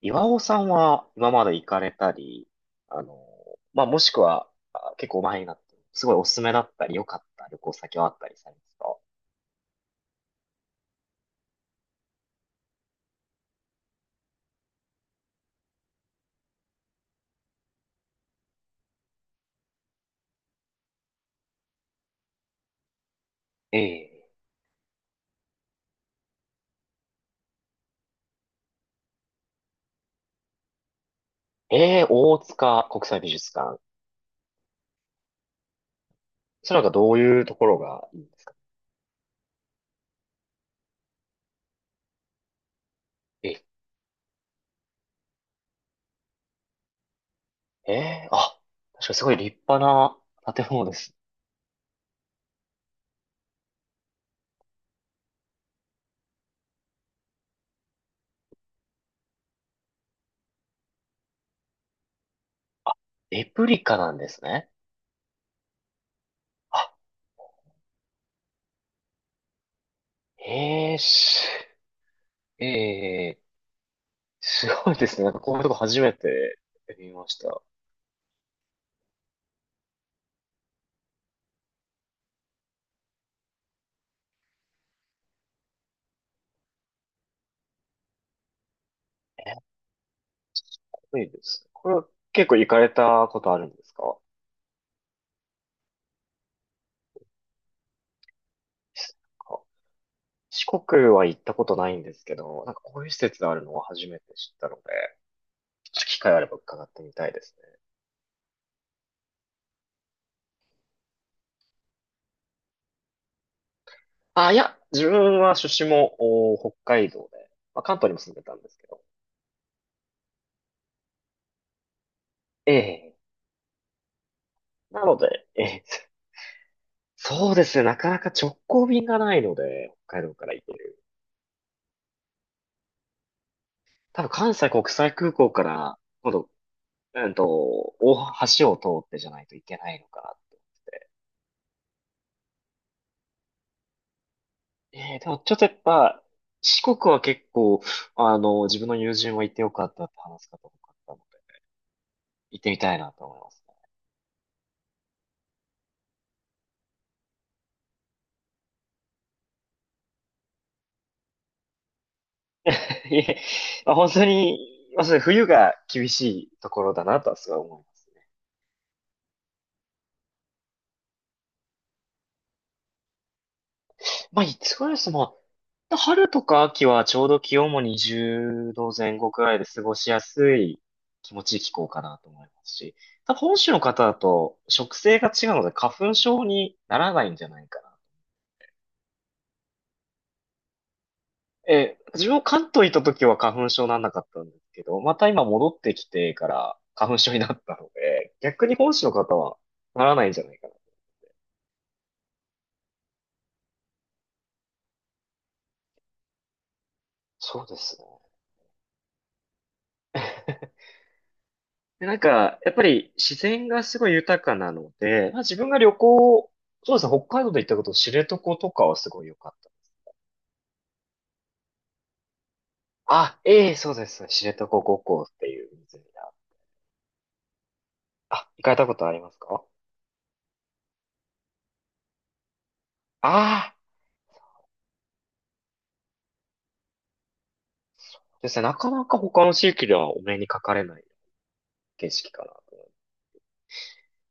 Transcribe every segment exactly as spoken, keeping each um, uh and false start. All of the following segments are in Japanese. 岩尾さんは今まで行かれたり、あの、まあ、もしくは、あ、結構前になって、すごいおすすめだったり、良かった旅行先はあったりされますか？ええ、ええ、大塚国際美術館。それなんかどういうところがいい、ええ、ええ、あ、確かにすごい立派な建物です。レプリカなんですね。あ、ええし、ええ、すごいですね。なんかこういうとこ初めて見ました。ええ、すごいです。これは結構行かれたことあるんですか？なんか四国は行ったことないんですけど、なんかこういう施設があるのを初めて知ったので、ちょっと機会あれば伺ってみたいですね。あ、いや、自分は出身もお北海道で、まあ、関東にも住んでたんですけど。ええ、なので、ええ、そうですね、なかなか直行便がないので、北海道から行ける。多分関西国際空港から、今度、うんと、大橋を通ってじゃないといけないのかな。えー、でもちょっとやっぱ、四国は結構、あの、自分の友人は行ってよかったって話す方多かったので、行ってみたいなと思いますね。いえ、まあ、本当に、まあ、それ冬が厳しいところだなとはすごい思いますね。まあ、いつぐらいですまあ、春とか秋はちょうど気温もにじゅうど後くらいで過ごしやすい気持ちいい気候かなと思いますし、多分本州の方だと食性が違うので花粉症にならないんじゃないかな。えー、自分も関東行った時は花粉症なんなかったんですけど、また今戻ってきてから花粉症になったので、逆に本州の方はならないんじゃないかな。そうですね。で、なんか、やっぱり自然がすごい豊かなので、まあ、自分が旅行、そうですね、北海道で行ったこと、知床とかはすごい良かった。あ、ええ、そうですね、知床五湖っていう湖だ。あ、行かれたことありますか？ああー、ですね、なかなか他の地域ではお目にかかれない景色かな。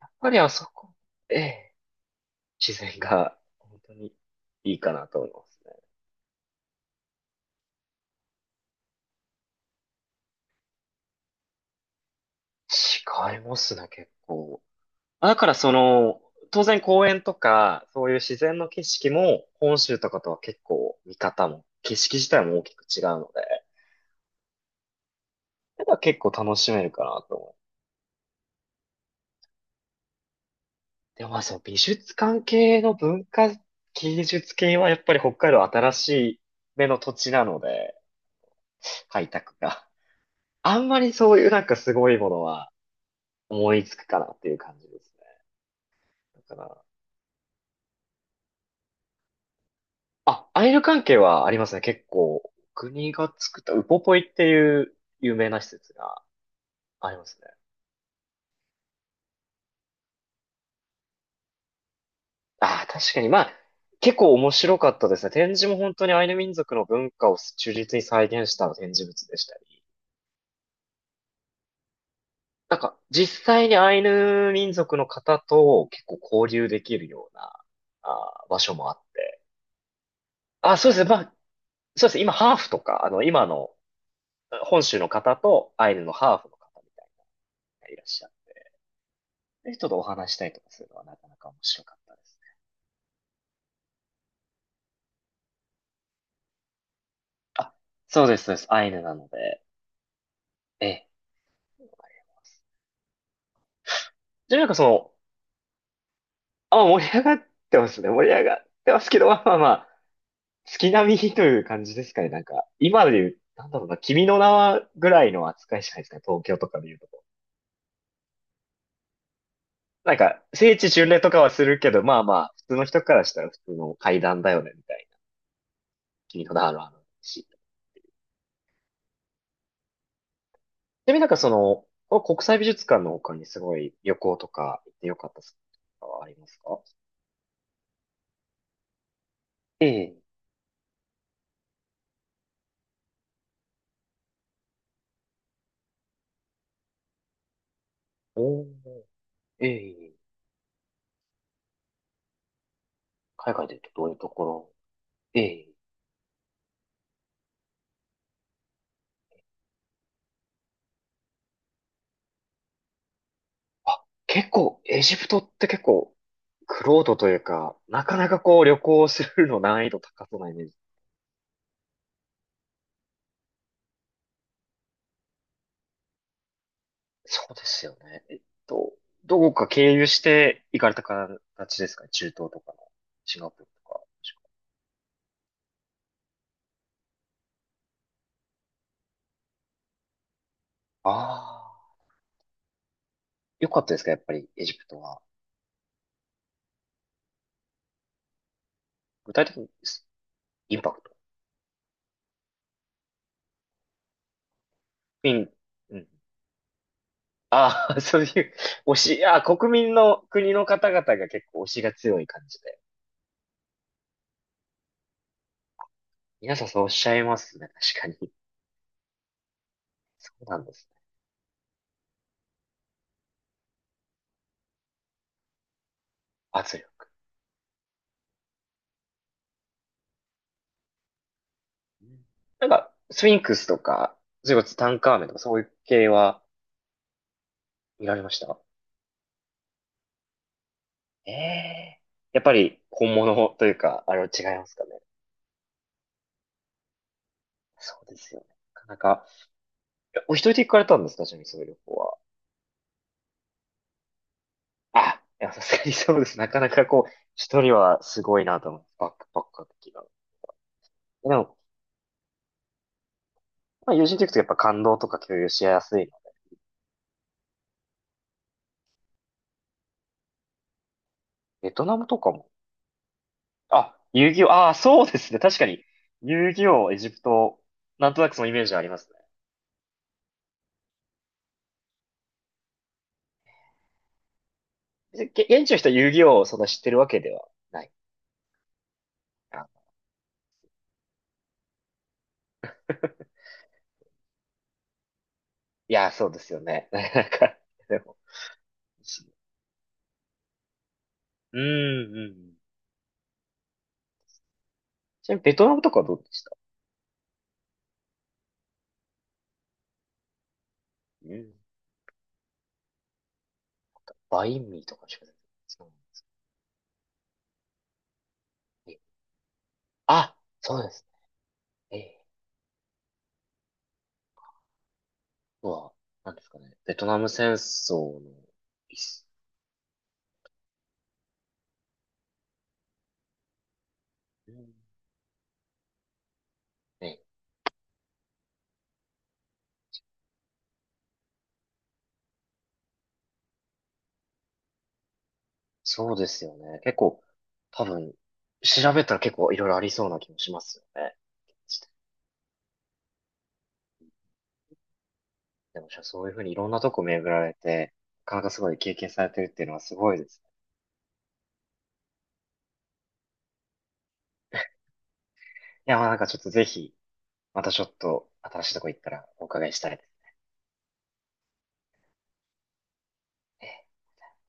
やっぱりあそこ、ええ、自然が本当にいいかなと思いますね。違いますね、結構。だからその、当然公園とか、そういう自然の景色も、本州とかとは結構見方も、景色自体も大きく違うので、なんか結構楽しめるかなと思う。でもまあその美術関係の文化、芸術系はやっぱり北海道新しい目の土地なので、開拓が。あんまりそういうなんかすごいものは、思いつくかなっていう感じですね。だから、あ、アイル関係はありますね。結構、国が作ったウポポイっていう有名な施設がありますね。ああ、確かに。まあ、結構面白かったですね。展示も本当にアイヌ民族の文化を忠実に再現した展示物でしたり。なんか、実際にアイヌ民族の方と結構交流できるような、あー、場所もあって。あ、そうですね。まあ、そうですね。今、ハーフとか、あの、今の本州の方とアイヌのハーフの方みたいないらっしゃる。人ちょっとお話したりとかするのはなかなか面白かったですね。あ、そうです、そうです。アイヌなので。ええ。じゃあなんかその、あ、盛り上がってますね。盛り上がってますけど、まあまあまあ、月並みという感じですかね。なんか、今で言う、なんだろうな、君の名はぐらいの扱いじゃないですかね。東京とかで言うとこ。なんか、聖地巡礼とかはするけど、まあまあ、普通の人からしたら普通の階段だよね、みたいな。君の名はあるし。ちなみになんかその、この国際美術館の他にすごい旅行とか行ってよかったスポットとかはありますか？ええ、おー、ええ、海外で言うとどういうところ。ええ、あ、結構、エジプトって結構、クロードというか、なかなかこう旅行するの難易度高そうなイメージ。そうですよね。えっと、どこか経由して行かれた形ですかね、中東とかの、シンガポールとか。ああ、よかったですか、やっぱりエジプトは。具体的にインパクピン、うん。ああ、そういう、推し、あー、国民の国の方々が結構推しが強い感じで。皆さんそうおっしゃいますね。確かに。そうなんですね。圧力。うん、なんか、スフィンクスとか、それこそツタンカーメンとかそういう系は見られました？ええ、やっぱり本物というか、あれは違いますかね。そうですよね。なかなか、えお一人で行かれたんですか、ちなみにそういう旅行は。あ、いや、さすがにそうです。なかなかこう、一人はすごいなと思って、バックパッカー的な。でも、まあ、友人と行くとやっぱ感動とか共有しやすいの。ベトナムとかも。あ、遊戯王、ああ、そうですね。確かに。遊戯王、エジプト、なんとなくそのイメージはありますね。げ現地の人は遊戯王をそんな知ってるわけではない。あ、いや、そうですよね。なんか、でも、うん、うんうん。ちなみにベトナムとかはどうでした？うん。バインミーとかしか出てこないそうえ、あ、そうですね。ええ、うなんですかね。ベトナム戦争の、いっうんね、そうですよね。結構、多分、調べたら結構いろいろありそうな気もしますよね。でも、じゃあそういうふうにいろんなとこ巡られて、なかなかすごい経験されてるっていうのはすごいですね。いや、まあなんかちょっとぜひ、またちょっと新しいとこ行ったらお伺いしたいですね。